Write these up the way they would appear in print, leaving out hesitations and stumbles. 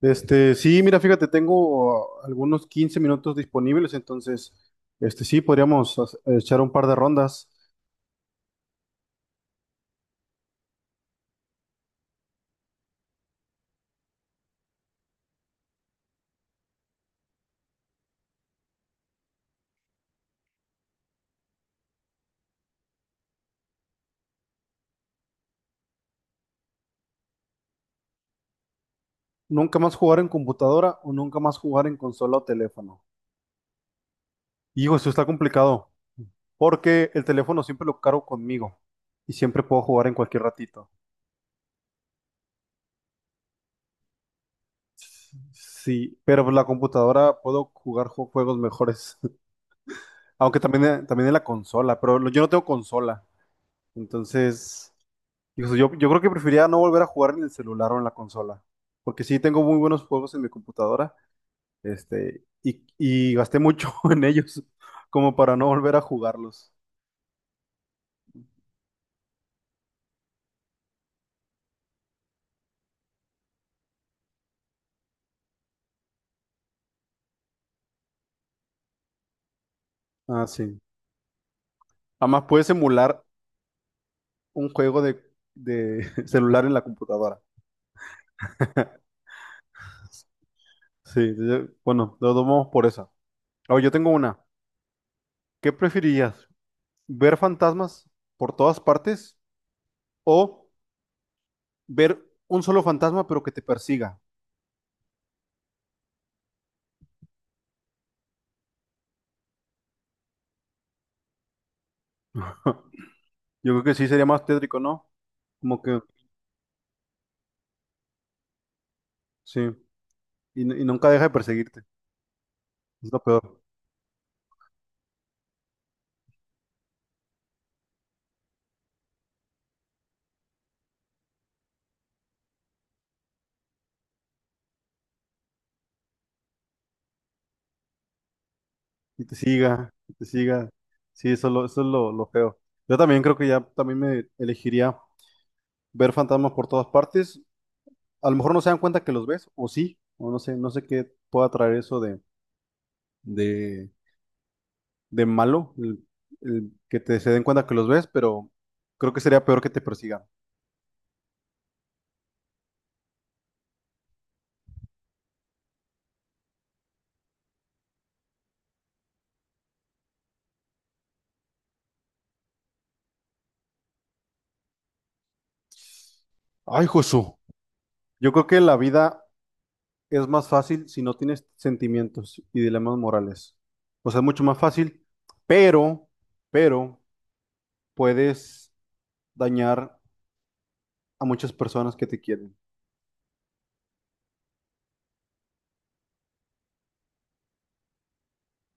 Este, sí, mira, fíjate, tengo algunos 15 minutos disponibles, entonces, este, sí, podríamos echar un par de rondas. Nunca más jugar en computadora o nunca más jugar en consola o teléfono. Hijo, eso está complicado, porque el teléfono siempre lo cargo conmigo y siempre puedo jugar en cualquier ratito. Sí, pero la computadora puedo jugar juegos mejores. Aunque también, también en la consola, pero yo no tengo consola, entonces, yo creo que preferiría no volver a jugar en el celular o en la consola, porque sí tengo muy buenos juegos en mi computadora, este, y gasté mucho en ellos como para no volver a jugarlos. Ah, sí. Además, puedes emular un juego de celular en la computadora. Sí, bueno, lo tomamos por esa. Ahora, yo tengo una. ¿Qué preferirías? ¿Ver fantasmas por todas partes o ver un solo fantasma pero que te persiga? Yo creo que sí sería más tétrico, ¿no? Como que, sí. Y nunca deja de perseguirte. Es lo peor. Y te siga, y te siga. Sí, eso es lo feo. Yo también creo que ya también me elegiría ver fantasmas por todas partes. A lo mejor no se dan cuenta que los ves, o sí, o no sé, no sé qué pueda traer eso de, de malo, el que te se den cuenta que los ves, pero creo que sería peor que te persigan. Ay, Jesús. Yo creo que la vida es más fácil si no tienes sentimientos y dilemas morales. O sea, es mucho más fácil, pero, pero puedes dañar a muchas personas que te quieren.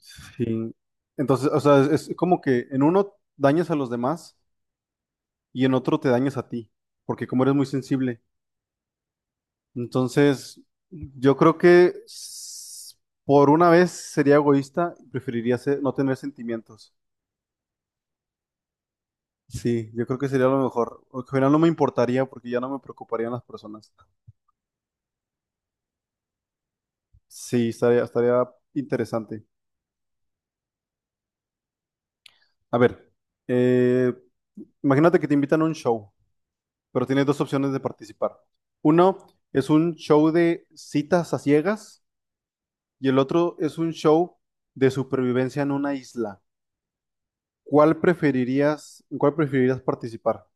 Sí. Entonces, o sea, es como que en uno dañas a los demás y en otro te dañas a ti, porque como eres muy sensible. Entonces, yo creo que por una vez sería egoísta y preferiría no tener sentimientos. Sí, yo creo que sería lo mejor. O que al final no me importaría porque ya no me preocuparían las personas. Sí, estaría interesante. A ver, eh, imagínate que te invitan a un show, pero tienes dos opciones de participar. Uno es un show de citas a ciegas y el otro es un show de supervivencia en una isla. ¿Cuál preferirías, en cuál preferirías participar?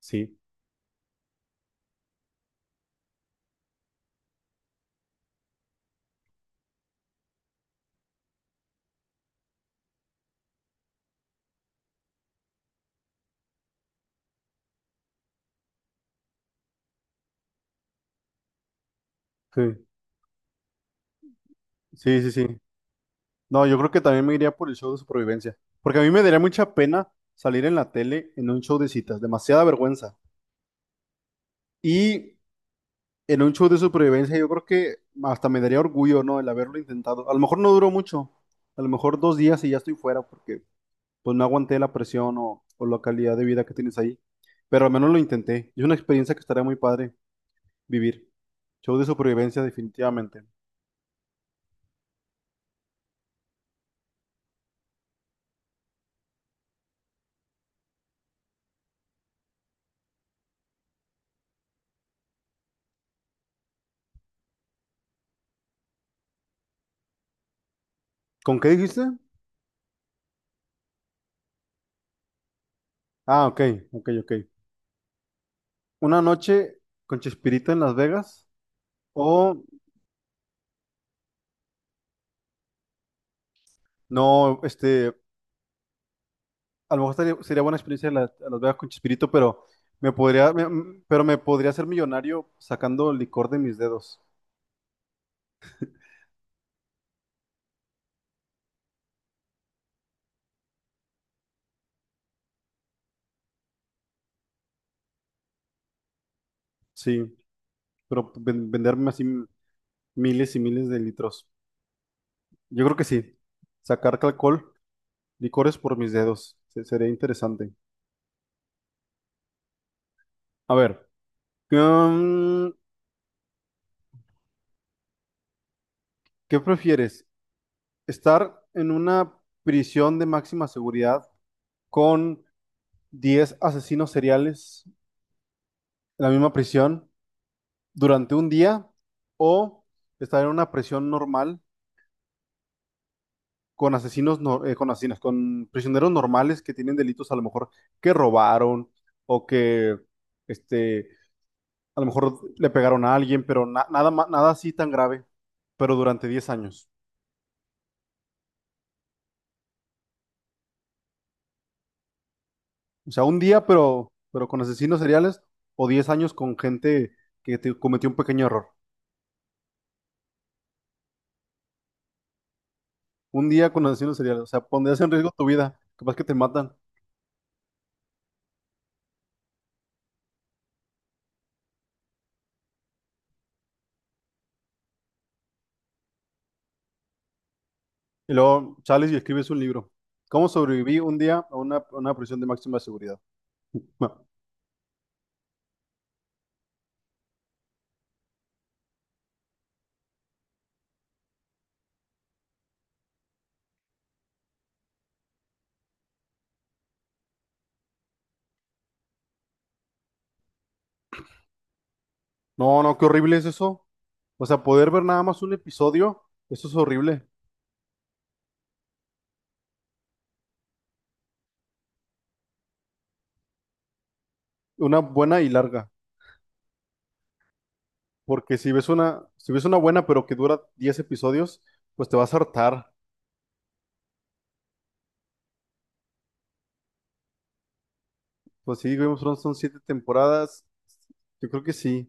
Sí, sí, sí, sí, sí. No, yo creo que también me iría por el show de supervivencia, porque a mí me daría mucha pena salir en la tele en un show de citas, demasiada vergüenza. Y en un show de supervivencia yo creo que hasta me daría orgullo, ¿no? El haberlo intentado. A lo mejor no duró mucho, a lo mejor 2 días y ya estoy fuera porque pues no aguanté la presión o la calidad de vida que tienes ahí, pero al menos lo intenté. Es una experiencia que estaría muy padre vivir. Show de supervivencia definitivamente. ¿Con qué dijiste? Ah, ok, ok, ok. Una noche con Chespirito en Las Vegas. O No, este, a lo mejor sería buena experiencia a Las Vegas con Chespirito, pero me podría, me- m- pero me podría hacer millonario sacando licor de mis dedos. Sí, pero venderme así miles y miles de litros. Yo creo que sí. Sacar alcohol, licores por mis dedos. Sería interesante. A ver, mm, ¿qué prefieres? ¿Estar en una prisión de máxima seguridad con 10 asesinos seriales en la misma prisión durante un día o estar en una prisión normal con asesinos, no- con asesinos, con prisioneros normales que tienen delitos a lo mejor que robaron o que, este, a lo mejor le pegaron a alguien, pero nada, nada así tan grave, pero durante 10 años? O sea, un día, pero con asesinos seriales o 10 años con gente que te cometió un pequeño error. Un día con asesinos seriales, o sea, pondrías en riesgo tu vida, capaz que te matan. Y luego sales y escribes un libro. ¿Cómo sobreviví un día a una prisión de máxima seguridad? No, no, no, qué horrible es eso. O sea, poder ver nada más un episodio, eso es horrible. Una buena y larga. Porque si ves una buena pero que dura 10 episodios, pues te vas a hartar. Pues sí, Game of Thrones son 7 temporadas. Yo creo que sí.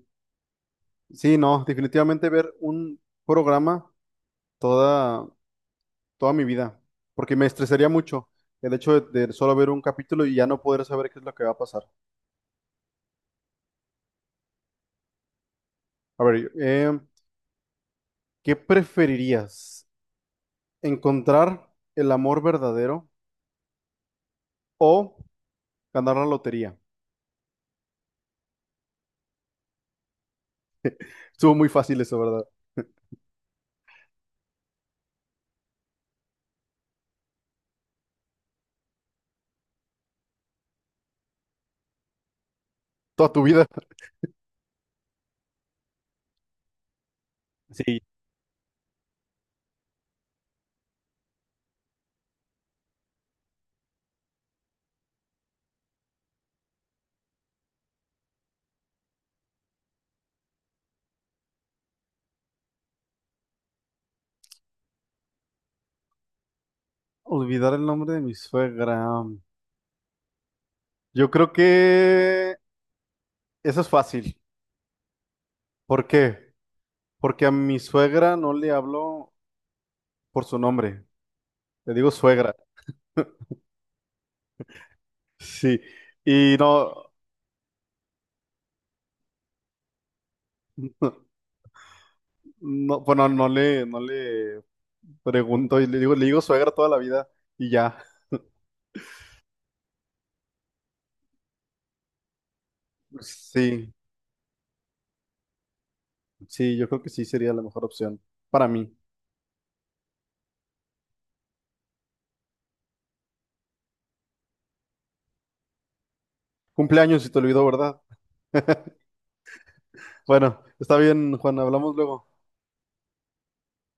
Sí, no, definitivamente ver un programa toda, toda mi vida, porque me estresaría mucho el hecho de solo ver un capítulo y ya no poder saber qué es lo que va a pasar. A ver, ¿qué preferirías? ¿Encontrar el amor verdadero o ganar la lotería? Estuvo muy fácil eso, ¿verdad? Toda tu vida. Sí. Olvidar el nombre de mi suegra. Yo creo que eso es fácil. ¿Por qué? Porque a mi suegra no le hablo por su nombre. Le digo suegra. Sí. Y no. No, bueno, no le pregunto y le digo suegra toda la vida y ya. Sí, sí, yo creo que sí sería la mejor opción para mí. Cumpleaños si te olvidó, ¿verdad? Bueno, está bien, Juan, hablamos luego.